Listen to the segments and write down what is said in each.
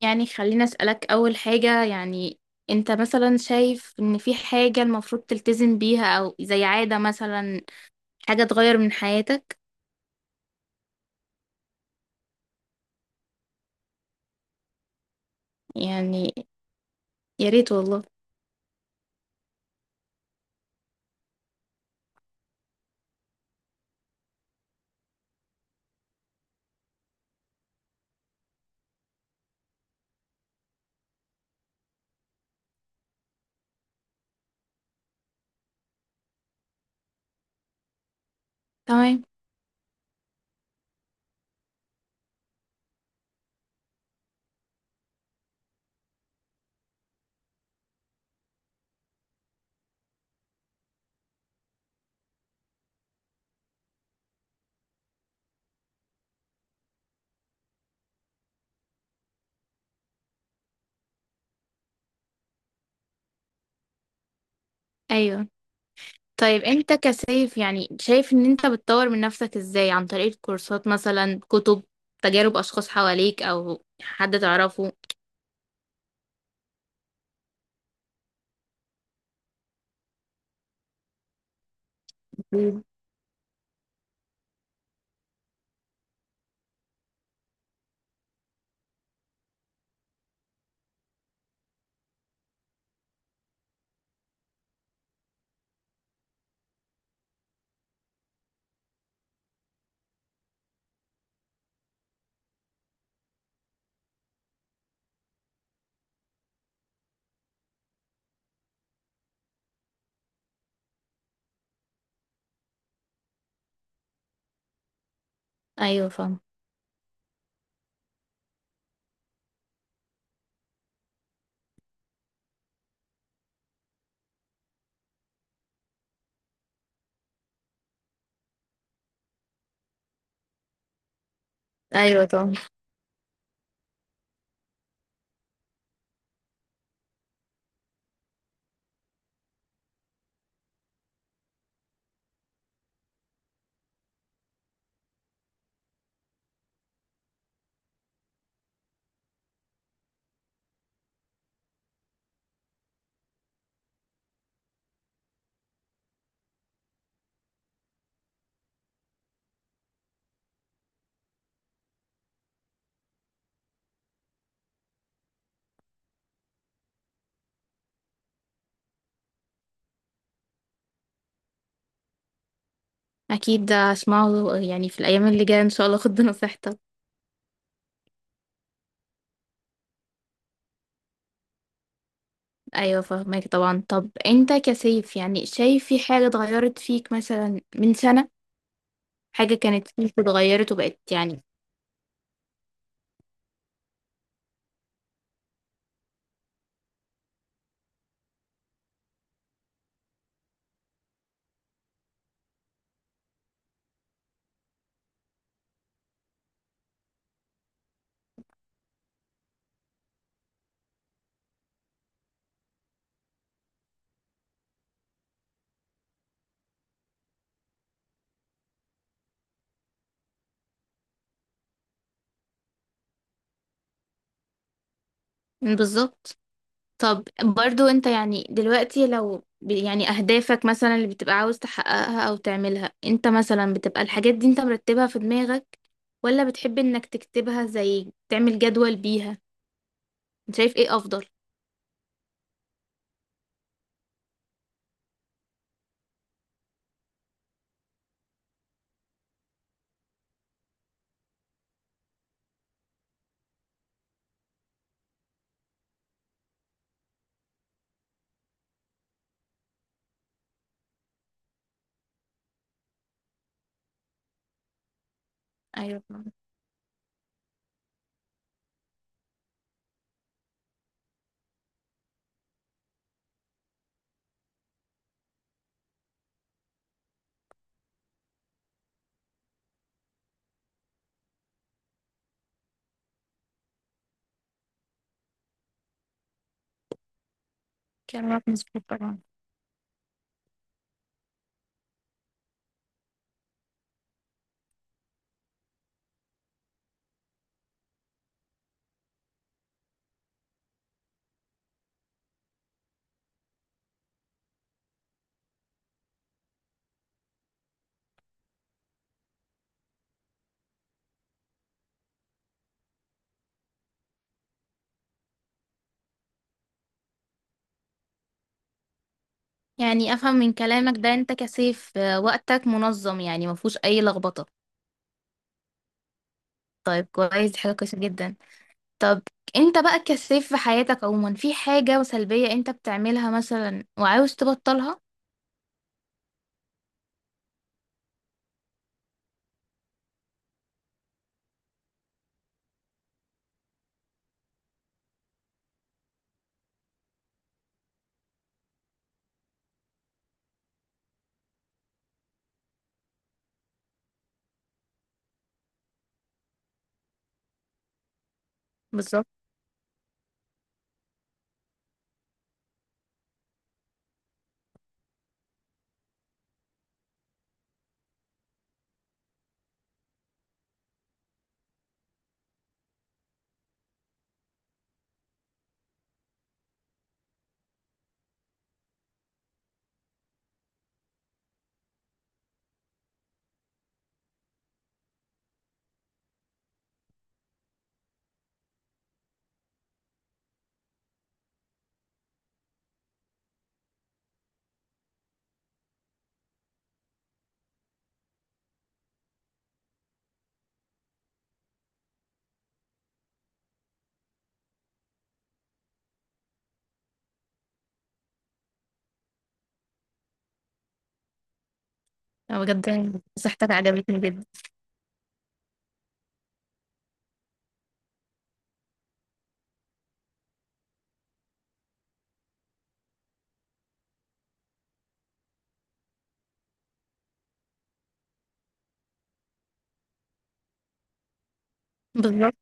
يعني خليني أسألك أول حاجة يعني، أنت مثلا شايف إن في حاجة المفروض تلتزم بيها، أو زي عادة مثلا، حاجة تغير من حياتك؟ يعني يا ريت والله. تمام. أيوه. طيب، أنت كسيف يعني شايف إن أنت بتطور من نفسك إزاي؟ عن طريق كورسات مثلا، كتب، تجارب أشخاص حواليك، أو حد تعرفه؟ أكيد. أيوه فاهم. أيوه طبعا. أكيد ده هسمعه يعني في الأيام اللي جاية إن شاء الله، خد بنصيحتك. ايوه فاهمك طبعا. طب انت كسيف يعني شايف في حاجة اتغيرت فيك مثلا من سنة؟ حاجة كانت فيك اتغيرت وبقت يعني. بالظبط. طب برضو انت يعني دلوقتي، لو يعني اهدافك مثلا اللي بتبقى عاوز تحققها او تعملها، انت مثلا بتبقى الحاجات دي انت مرتبها في دماغك، ولا بتحب انك تكتبها زي تعمل جدول بيها؟ انت شايف ايه افضل؟ ايوه فاهمة. كلامك مظبوط طبعا. يعني افهم من كلامك ده انت كسيف، وقتك منظم يعني مفهوش اي لخبطة. طيب كويس، دي حاجة كويسة جدا. طب، انت بقى كسيف في حياتك عموما في حاجة سلبية انت بتعملها مثلا وعاوز تبطلها؟ بالظبط. أنا بجد نصيحتك عجبتني جدا. بالظبط.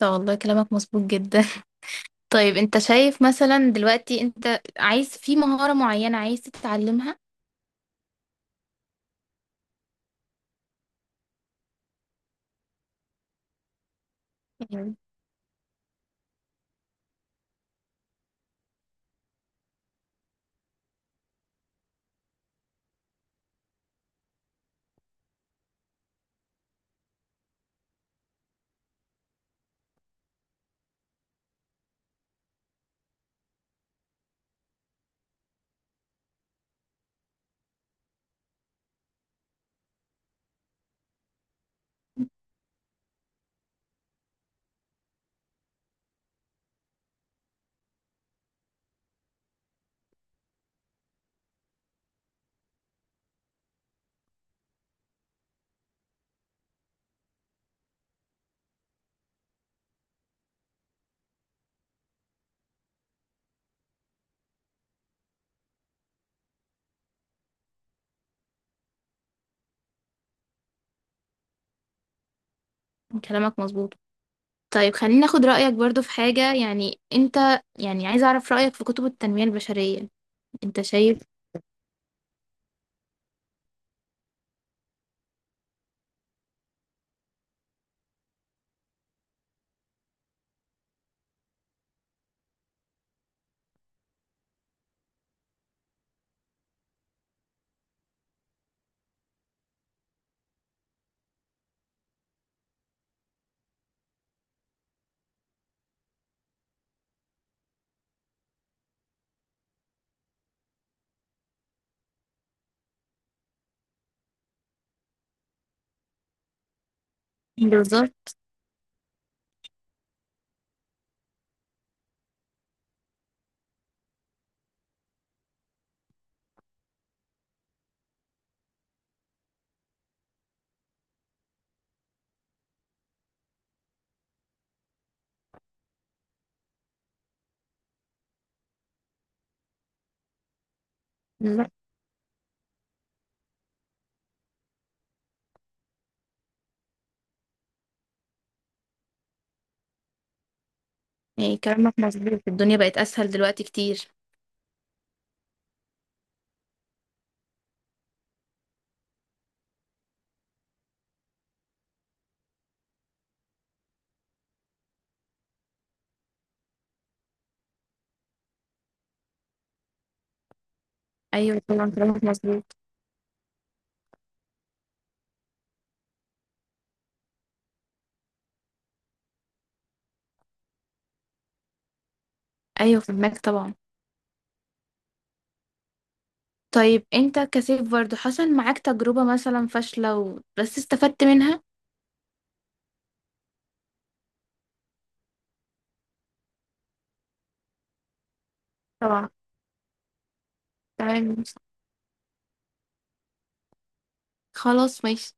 طب والله كلامك مظبوط جدا طيب، انت شايف مثلا دلوقتي انت عايز في مهارة معينة عايز تتعلمها؟ يعني كلامك مظبوط. طيب خليني اخد رأيك برضو في حاجة، يعني انت، يعني عايز اعرف رأيك في كتب التنمية البشرية. انت شايف؟ بالظبط. يعني كلامك مظبوط، الدنيا بقت اسهل دلوقتي كتير. ايوه طبعا، كلامك مظبوط. ايوه فهمك طبعا. طيب، انت كسيف برضو حصل معاك تجربة مثلا فاشلة، و بس استفدت منها؟ طبعا. تمام. خلاص ماشي.